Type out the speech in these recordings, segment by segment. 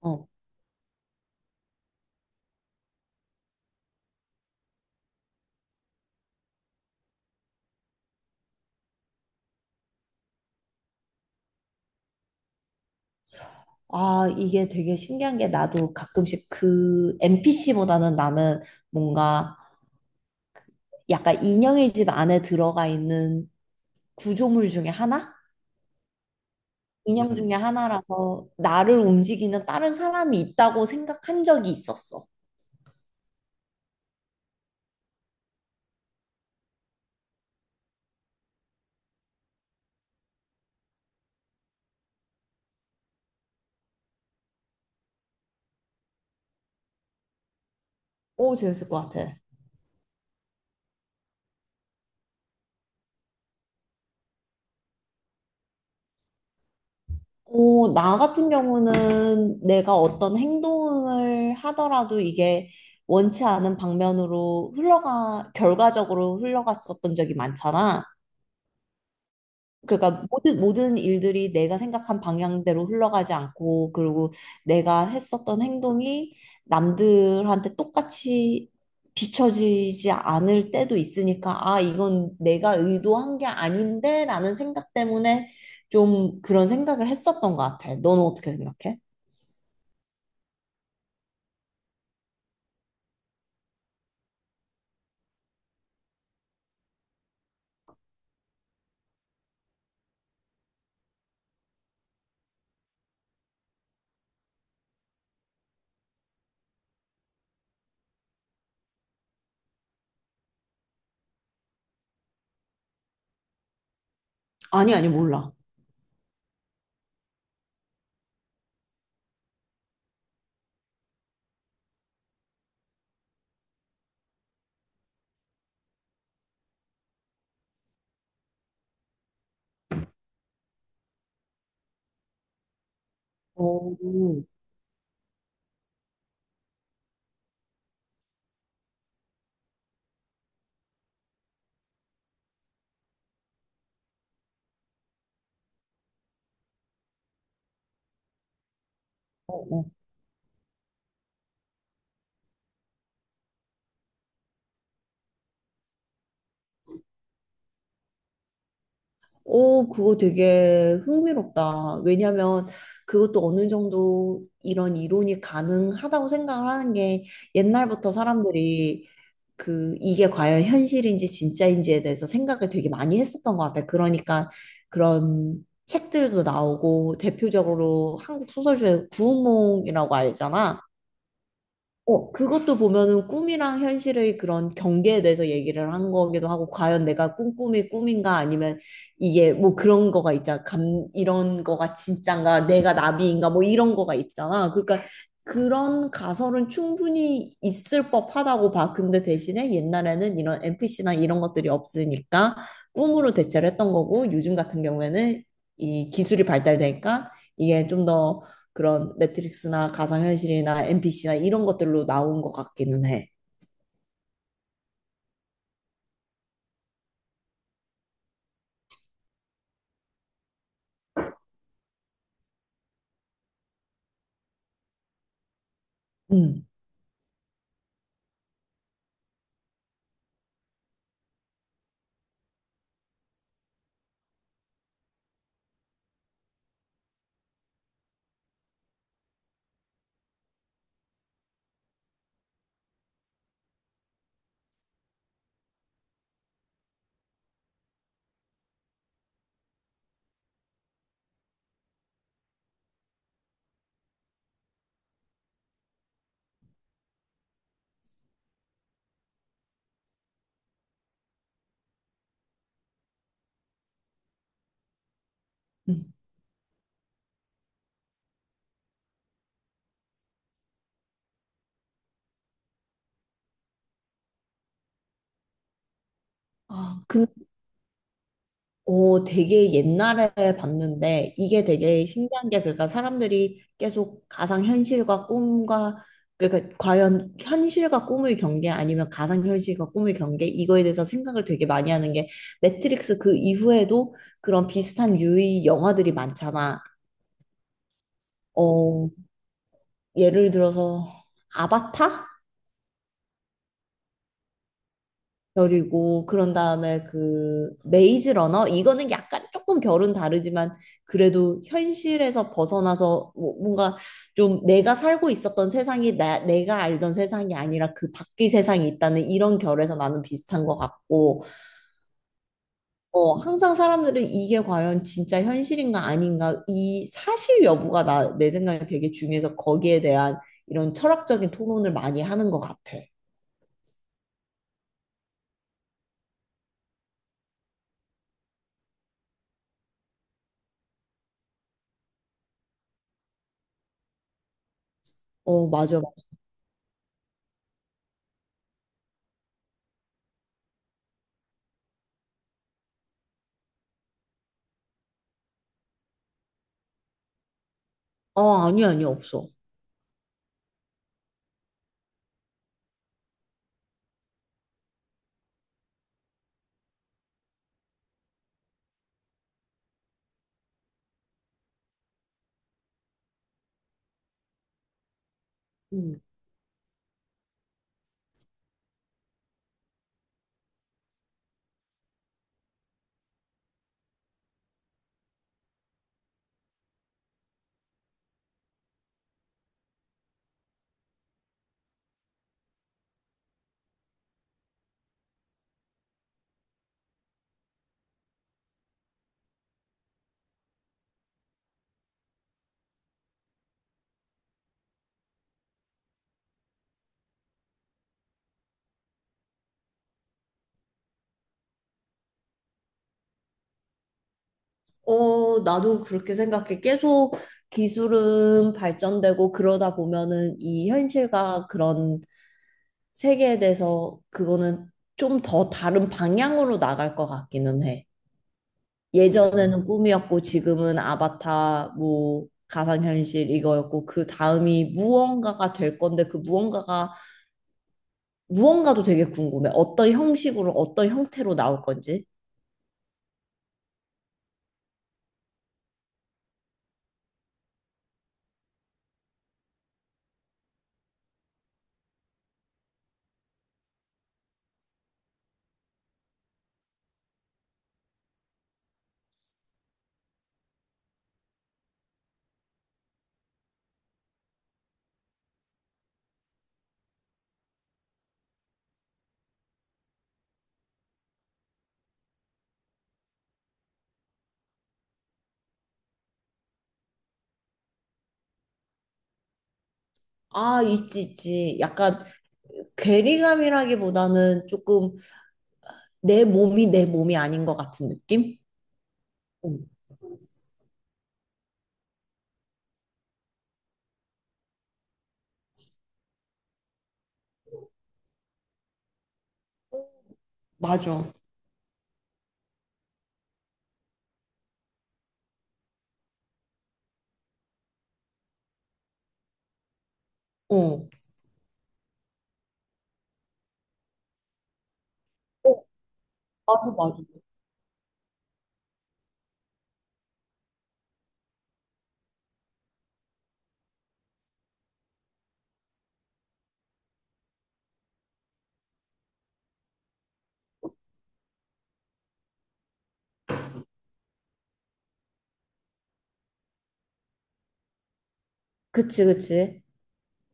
어. 아, 이게 되게 신기한 게 나도 가끔씩 그 NPC보다는 나는 뭔가 약간 인형의 집 안에 들어가 있는 구조물 중에 하나? 인형 중에 하나라서 나를 움직이는 다른 사람이 있다고 생각한 적이 있었어. 오, 재밌을 것 같아. 어, 나 같은 경우는 내가 어떤 행동을 하더라도 이게 원치 않은 방면으로 흘러가, 결과적으로 흘러갔었던 적이 많잖아. 그러니까 모든 일들이 내가 생각한 방향대로 흘러가지 않고, 그리고 내가 했었던 행동이 남들한테 똑같이 비춰지지 않을 때도 있으니까 아, 이건 내가 의도한 게 아닌데라는 생각 때문에 좀 그런 생각을 했었던 것 같아. 너는 어떻게 생각해? 아니, 아니, 몰라. 오, 어, 어. 오, 그거 되게 흥미롭다. 왜냐면 그것도 어느 정도 이런 이론이 가능하다고 생각을 하는 게, 옛날부터 사람들이 그 이게 과연 현실인지 진짜인지에 대해서 생각을 되게 많이 했었던 것 같아요. 그러니까 그런 책들도 나오고, 대표적으로 한국 소설중에 구운몽이라고 알잖아. 어, 그것도 보면은 꿈이랑 현실의 그런 경계에 대해서 얘기를 한 거기도 하고, 과연 내가 꾼 꿈이 꿈인가 아니면 이게 뭐 그런 거가 있잖아. 감, 이런 거가 진짠가, 내가 나비인가 뭐 이런 거가 있잖아. 그러니까 그런 가설은 충분히 있을 법하다고 봐. 근데 대신에 옛날에는 이런 NPC나 이런 것들이 없으니까 꿈으로 대체를 했던 거고, 요즘 같은 경우에는 이 기술이 발달되니까 이게 좀더 그런 매트릭스나 가상현실이나 NPC나 이런 것들로 나온 것 같기는 해. 음. 음. 아, 근, 어, 되게 옛날에 봤는데 이게 되게 신기한 게, 그러니까 사람들이 계속 가상현실과 꿈과, 그러니까 과연 현실과 꿈의 경계 아니면 가상현실과 꿈의 경계 이거에 대해서 생각을 되게 많이 하는 게, 매트릭스 그 이후에도 그런 비슷한 유의 영화들이 많잖아. 어, 예를 들어서 아바타? 결이고, 그런 다음에 그 메이즈 러너 이거는 약간 조금 결은 다르지만, 그래도 현실에서 벗어나서 뭔가 좀 내가 살고 있었던 세상이 내가 알던 세상이 아니라 그 밖의 세상이 있다는 이런 결에서 나는 비슷한 것 같고. 어, 항상 사람들은 이게 과연 진짜 현실인가 아닌가 이 사실 여부가 내 생각에 되게 중요해서, 거기에 대한 이런 철학적인 토론을 많이 하는 것 같아. 어, 맞아. 어, 아니, 아니, 없어. 음. 어, 나도 그렇게 생각해. 계속 기술은 발전되고 그러다 보면은 이 현실과 그런 세계에 대해서 그거는 좀 더 다른 방향으로 나갈 것 같기는 해. 예전에는 꿈이었고 지금은 아바타 뭐 가상현실 이거였고, 그 다음이 무언가가 될 건데, 그 무언가가, 무언가도 되게 궁금해. 어떤 형식으로 어떤 형태로 나올 건지. 아, 있지, 있지. 약간 괴리감이라기보다는 조금 내 몸이 내 몸이 아닌 것 같은 느낌? 어, 맞아. 어. 어, 맞아, 맞아. 그치, 그치.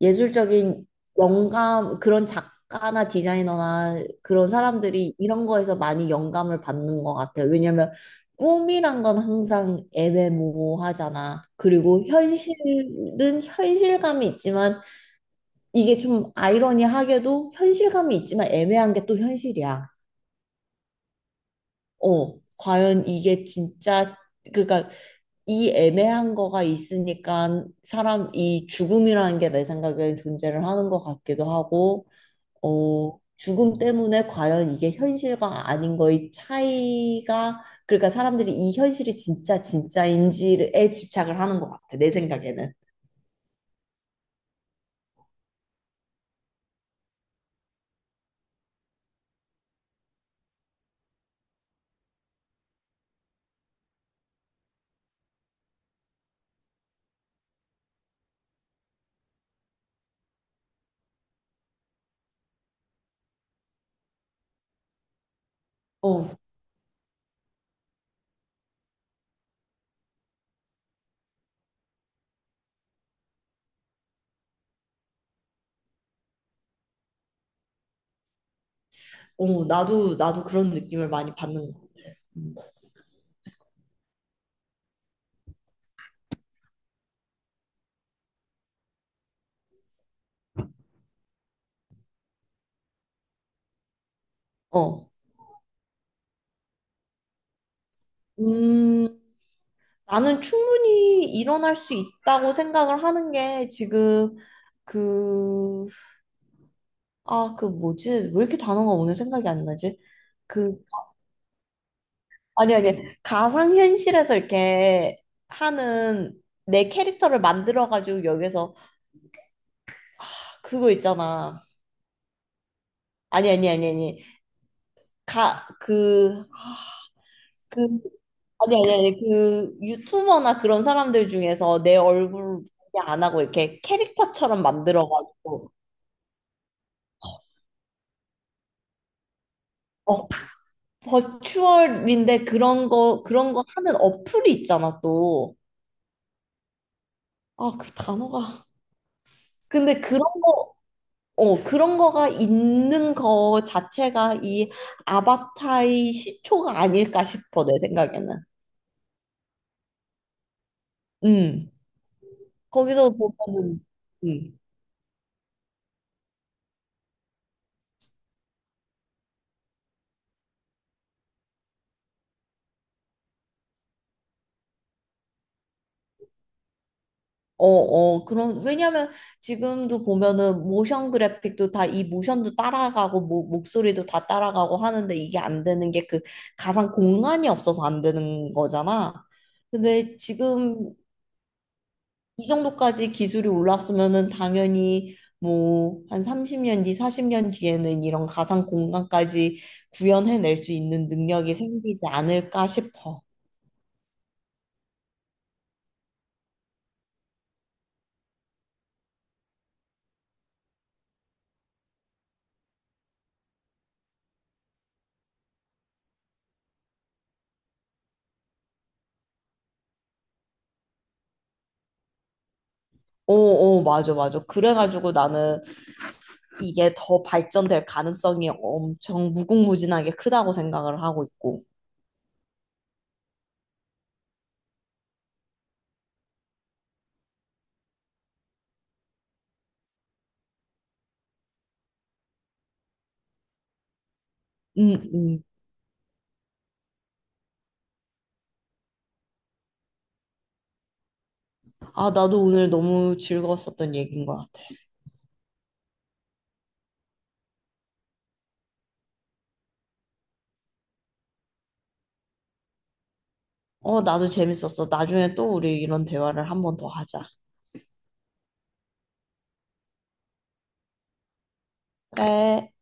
예술적인 영감, 그런 작가나 디자이너나 그런 사람들이 이런 거에서 많이 영감을 받는 것 같아요. 왜냐면 꿈이란 건 항상 애매모호하잖아. 그리고 현실은 현실감이 있지만, 이게 좀 아이러니하게도 현실감이 있지만 애매한 게 또 현실이야. 어, 과연 이게 진짜, 그러니까 이 애매한 거가 있으니까 사람, 이 죽음이라는 게 내 생각엔 존재를 하는 것 같기도 하고, 어, 죽음 때문에 과연 이게 현실과 아닌 거의 차이가, 그러니까 사람들이 이 현실이 진짜 진짜인지에 집착을 하는 것 같아, 내 생각에는. 어, 어, 나도 그런 느낌을 많이 받는 거. 어. 음, 나는 충분히 일어날 수 있다고 생각을 하는 게, 지금 그, 아, 그 뭐지? 왜 이렇게 단어가 오늘 생각이 안 나지? 그, 아니, 아니, 가상현실에서 이렇게 하는 내 캐릭터를 만들어가지고 여기서 그거 있잖아. 아니, 아니, 아니, 아니. 가, 그, 그, 아니, 아니, 아니. 그 유튜버나 그런 사람들 중에서 내 얼굴 공개 안 하고 이렇게 캐릭터처럼 만들어가지고. 어, 버추얼인데 그런 거 그런 거 하는 어플이 있잖아 또. 아, 그 단어가. 근데 그런 거, 어, 그런 거가 있는 거 자체가 이 아바타의 시초가 아닐까 싶어 내 생각에는. 음. 거기서 보면은 음. 어, 어, 그런, 왜냐면 지금도 보면은 모션 그래픽도 다 이 모션도 따라가고, 뭐, 목소리도 다 따라가고 하는데, 이게 안 되는 게 그 가상 공간이 없어서 안 되는 거잖아. 근데 지금 이 정도까지 기술이 올랐으면은 당연히 뭐, 한 30년 뒤, 40년 뒤에는 이런 가상 공간까지 구현해낼 수 있는 능력이 생기지 않을까 싶어. 어, 어, 맞아, 맞아. 그래가지고 나는 이게 더 발전될 가능성이 엄청 무궁무진하게 크다고 생각을 하고 있고. 음, 음. 아, 나도 오늘 너무 즐거웠었던 얘기인 것 같아. 어, 나도 재밌었어. 나중에 또 우리 이런 대화를 한번 더 하자. 그래.